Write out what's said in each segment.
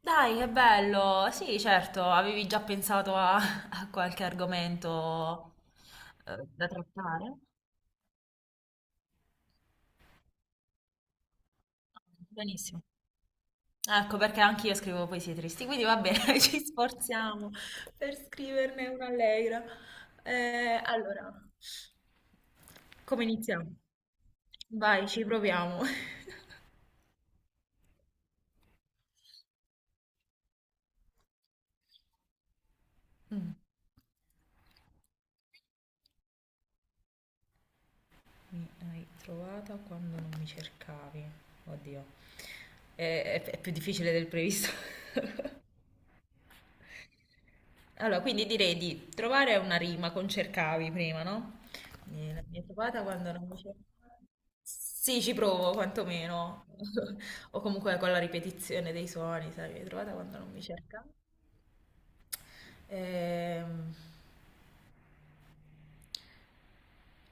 Dai, che bello! Sì, certo, avevi già pensato a, a qualche argomento da trattare? Benissimo. Ecco, perché anche io scrivo poesie tristi, quindi va bene, ci sforziamo per scriverne una allegra. Allora, come iniziamo? Vai, ci proviamo. Mm, mi hai trovata quando non mi cercavi. Oddio, è più difficile del previsto. Allora, quindi direi di trovare una rima con cercavi prima, no? La mia trovata quando non mi cercavi. Sì, ci provo quantomeno. O comunque con la ripetizione dei suoni, sai, mi hai trovata quando non mi cerca. Ehm,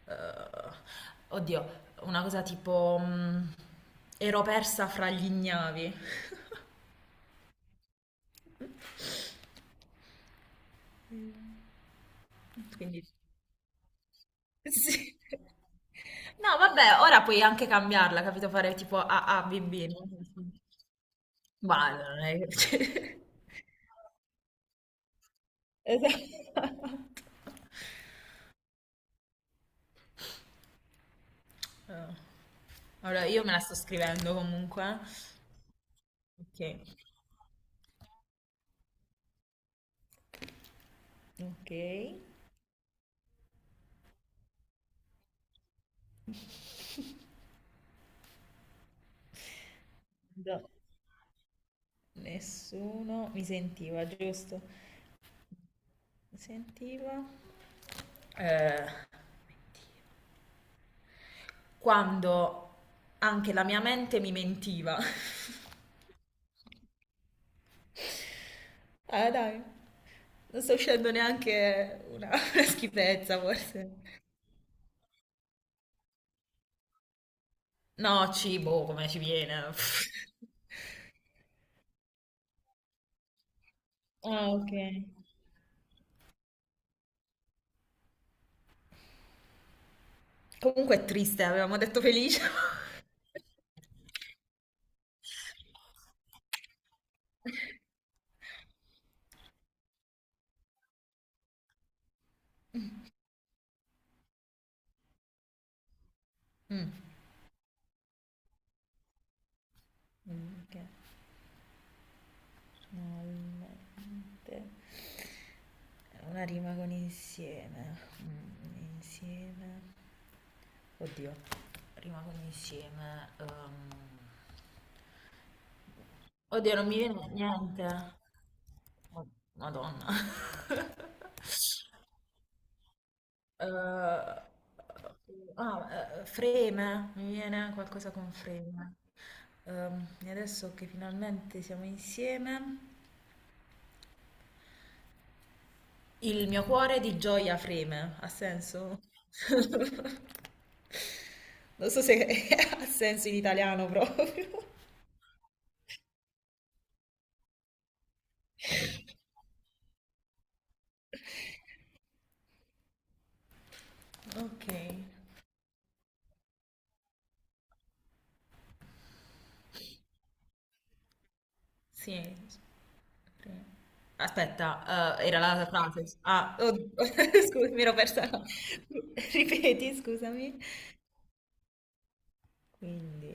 eh, Oddio, una cosa tipo... ero persa fra gli ignavi. Mm. Quindi... Sì. No, vabbè, ora puoi anche cambiarla, capito? Fare tipo A, A, B, B. no? Ma non è... cioè- Esatto. Eh. Allora, io me la sto scrivendo comunque. Ok. Ok. Do- nessuno mi sentiva, giusto? Mi sentiva. Eh, Quando anche la mia mente mi mentiva. Ah, dai, non sto uscendo neanche una, una schifezza, forse. No, cibo, come ci viene. Ah, ok. Comunque è triste, avevamo detto felice. Mm. Mm, che finalmente è una rima con insieme. Mm, insieme. Oddio. Rimangono insieme. Oddio, non mi viene niente. Oh, Madonna. Eh, Freme, mi viene qualcosa con freme. E adesso che finalmente siamo insieme, il mio cuore di gioia freme, ha senso? Non so se ha senso in italiano proprio. Ok, sì. Ok. Aspetta, era la Frances. Ah, oddio, scusa, mi ero persa. La- Ripeti, scusami. Quindi,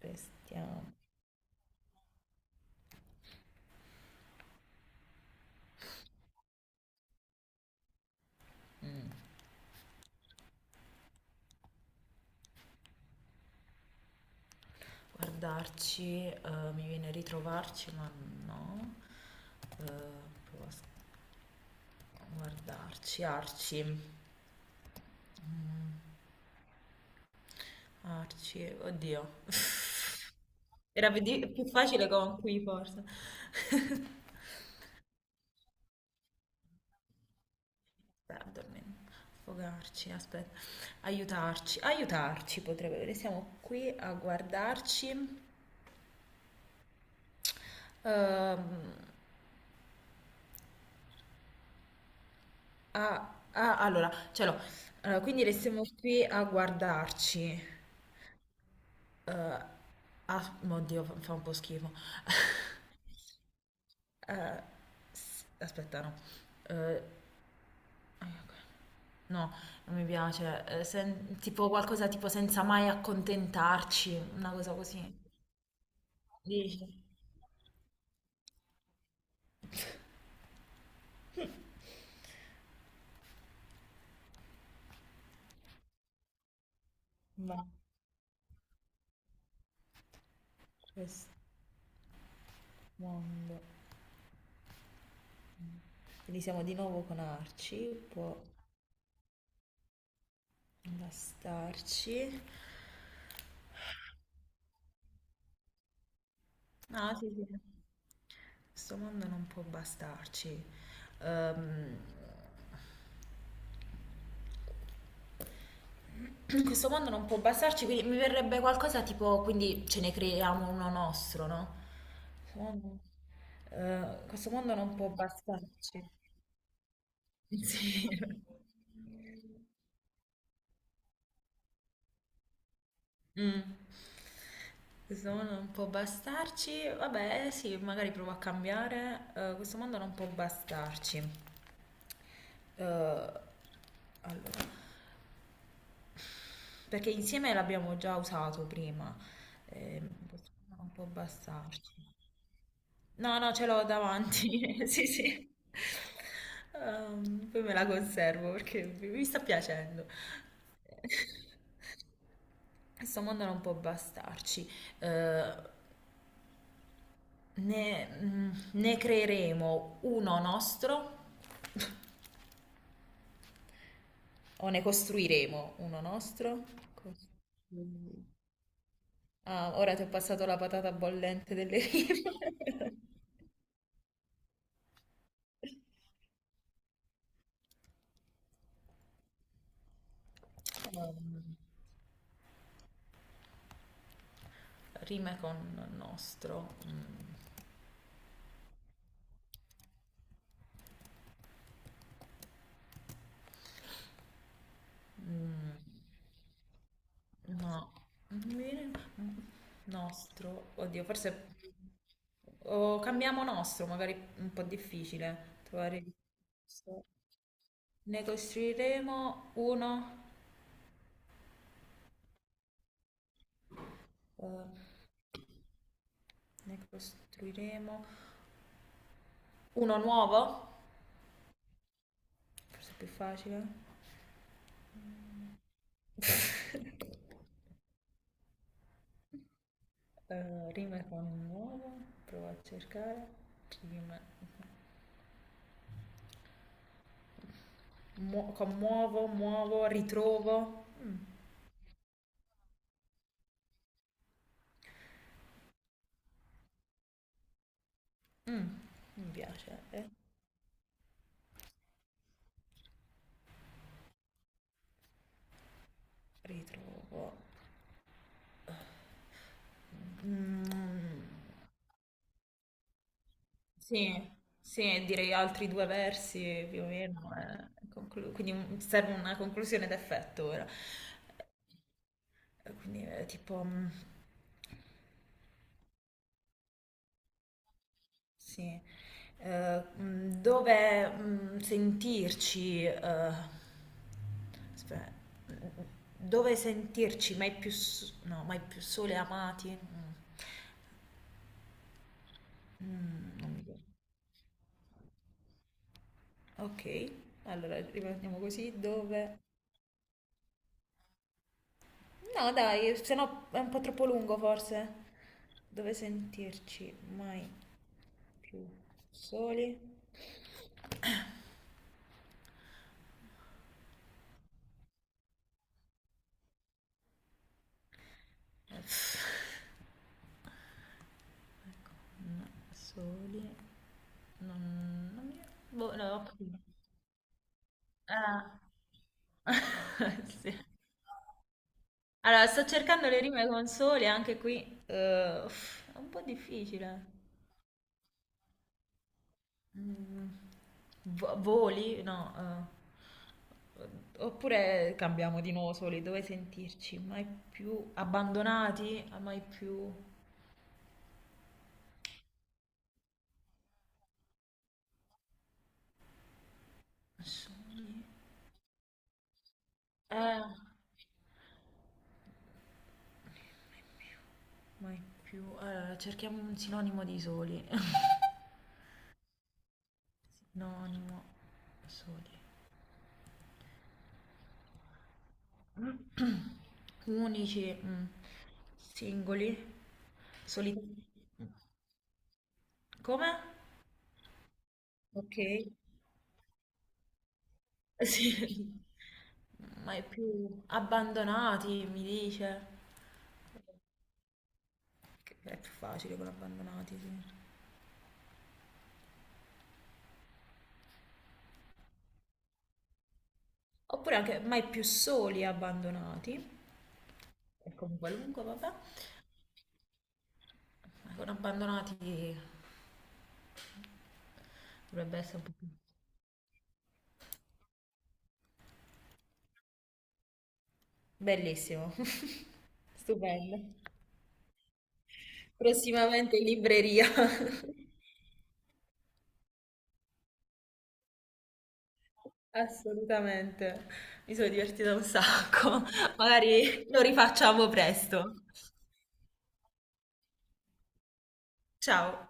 restiamo. Mm. Guardarci, mi viene ritrovarci, ma no. Eh, Provo a s- guardarci, arci. Arci, oddio. Era più facile con qui, forse. Aspetta, dormi- sfogarci, aspetta. Aiutarci, aiutarci potrebbe. Restiamo qui a guardarci. Ehm, allora, ce l'ho. Allora, quindi restiamo qui a guardarci. Eh, Oddio, fa un po' schifo. Eh, s- aspetta, no. Eh, no, Non mi piace. Sen- tipo qualcosa tipo senza mai accontentarci, una cosa così. Dici? Ma questo mondo. Quindi siamo di nuovo con Arci, può bastarci. No, sì, sì. Questo mondo non può bastarci. Ehm, questo mondo non può bastarci, quindi mi verrebbe qualcosa tipo, quindi ce ne creiamo uno nostro, no? Questo mondo, questo mondo non può bastarci. Sì. Mm. Questo mondo non può bastarci. Vabbè, sì, magari provo a cambiare. Questo mondo non può bastarci. Allora, perché insieme l'abbiamo già usato prima. Eh, questo mondo non può bastarci. No, no, ce l'ho davanti. Sì, sì. Poi me la conservo perché mi sta piacendo. Questo mondo non può bastarci. Eh, Ne creeremo uno nostro o ne costruiremo uno nostro? Cos- mm. Ah, ora ti ho passato la patata bollente delle rime. Ehm, rime con nostro. Mm, mm. No, non mi viene- nostro, oddio, forse o cambiamo nostro, magari un po' difficile trovare il nostro. Ne costruiremo uno, eh, ne costruiremo uno nuovo, forse è più facile. Rime con nuovo, provo a cercare. Rime. Mu- con muovo, muovo, ritrovo. Mm, Mi piace. Ritrovo. Mm. Sì, sì, direi altri due versi più o meno, serve una conclusione d'effetto ora. Eh, Quindi eh, tipo, mm, sì, dove sentirci, aspetta, mm, dove sentirci mai più, s- no, mai più sole amati? Non mi viene. Ok, allora rimaniamo così, dove... No, dai, se no è un po' troppo lungo forse. Dove sentirci mai più soli? Uff, no, soli? Non, non mi... Boh, no, ho capito. Ah. Sì. Allora, sto cercando le rime con soli anche qui. Uff, è un po' difficile. Mm, Voli? No. Oppure cambiamo di nuovo soli, dove sentirci? Mai più abbandonati? Mai più... Soli. Eh, mai più. Cerchiamo un sinonimo di soli. Sinonimo soli. Unici. Mm. Singoli. Soli. Come? Ok. Sì. Mai più. Abbandonati, mi dice. Che è più facile con abbandonati, sì. Oppure anche mai più soli e abbandonati. E con qualunque, vabbè. Ancora abbandonati dovrebbe essere un po' più... Bellissimo, stupendo. Prossimamente in libreria. Assolutamente. Mi sono divertita un sacco. Magari lo rifacciamo presto. Ciao.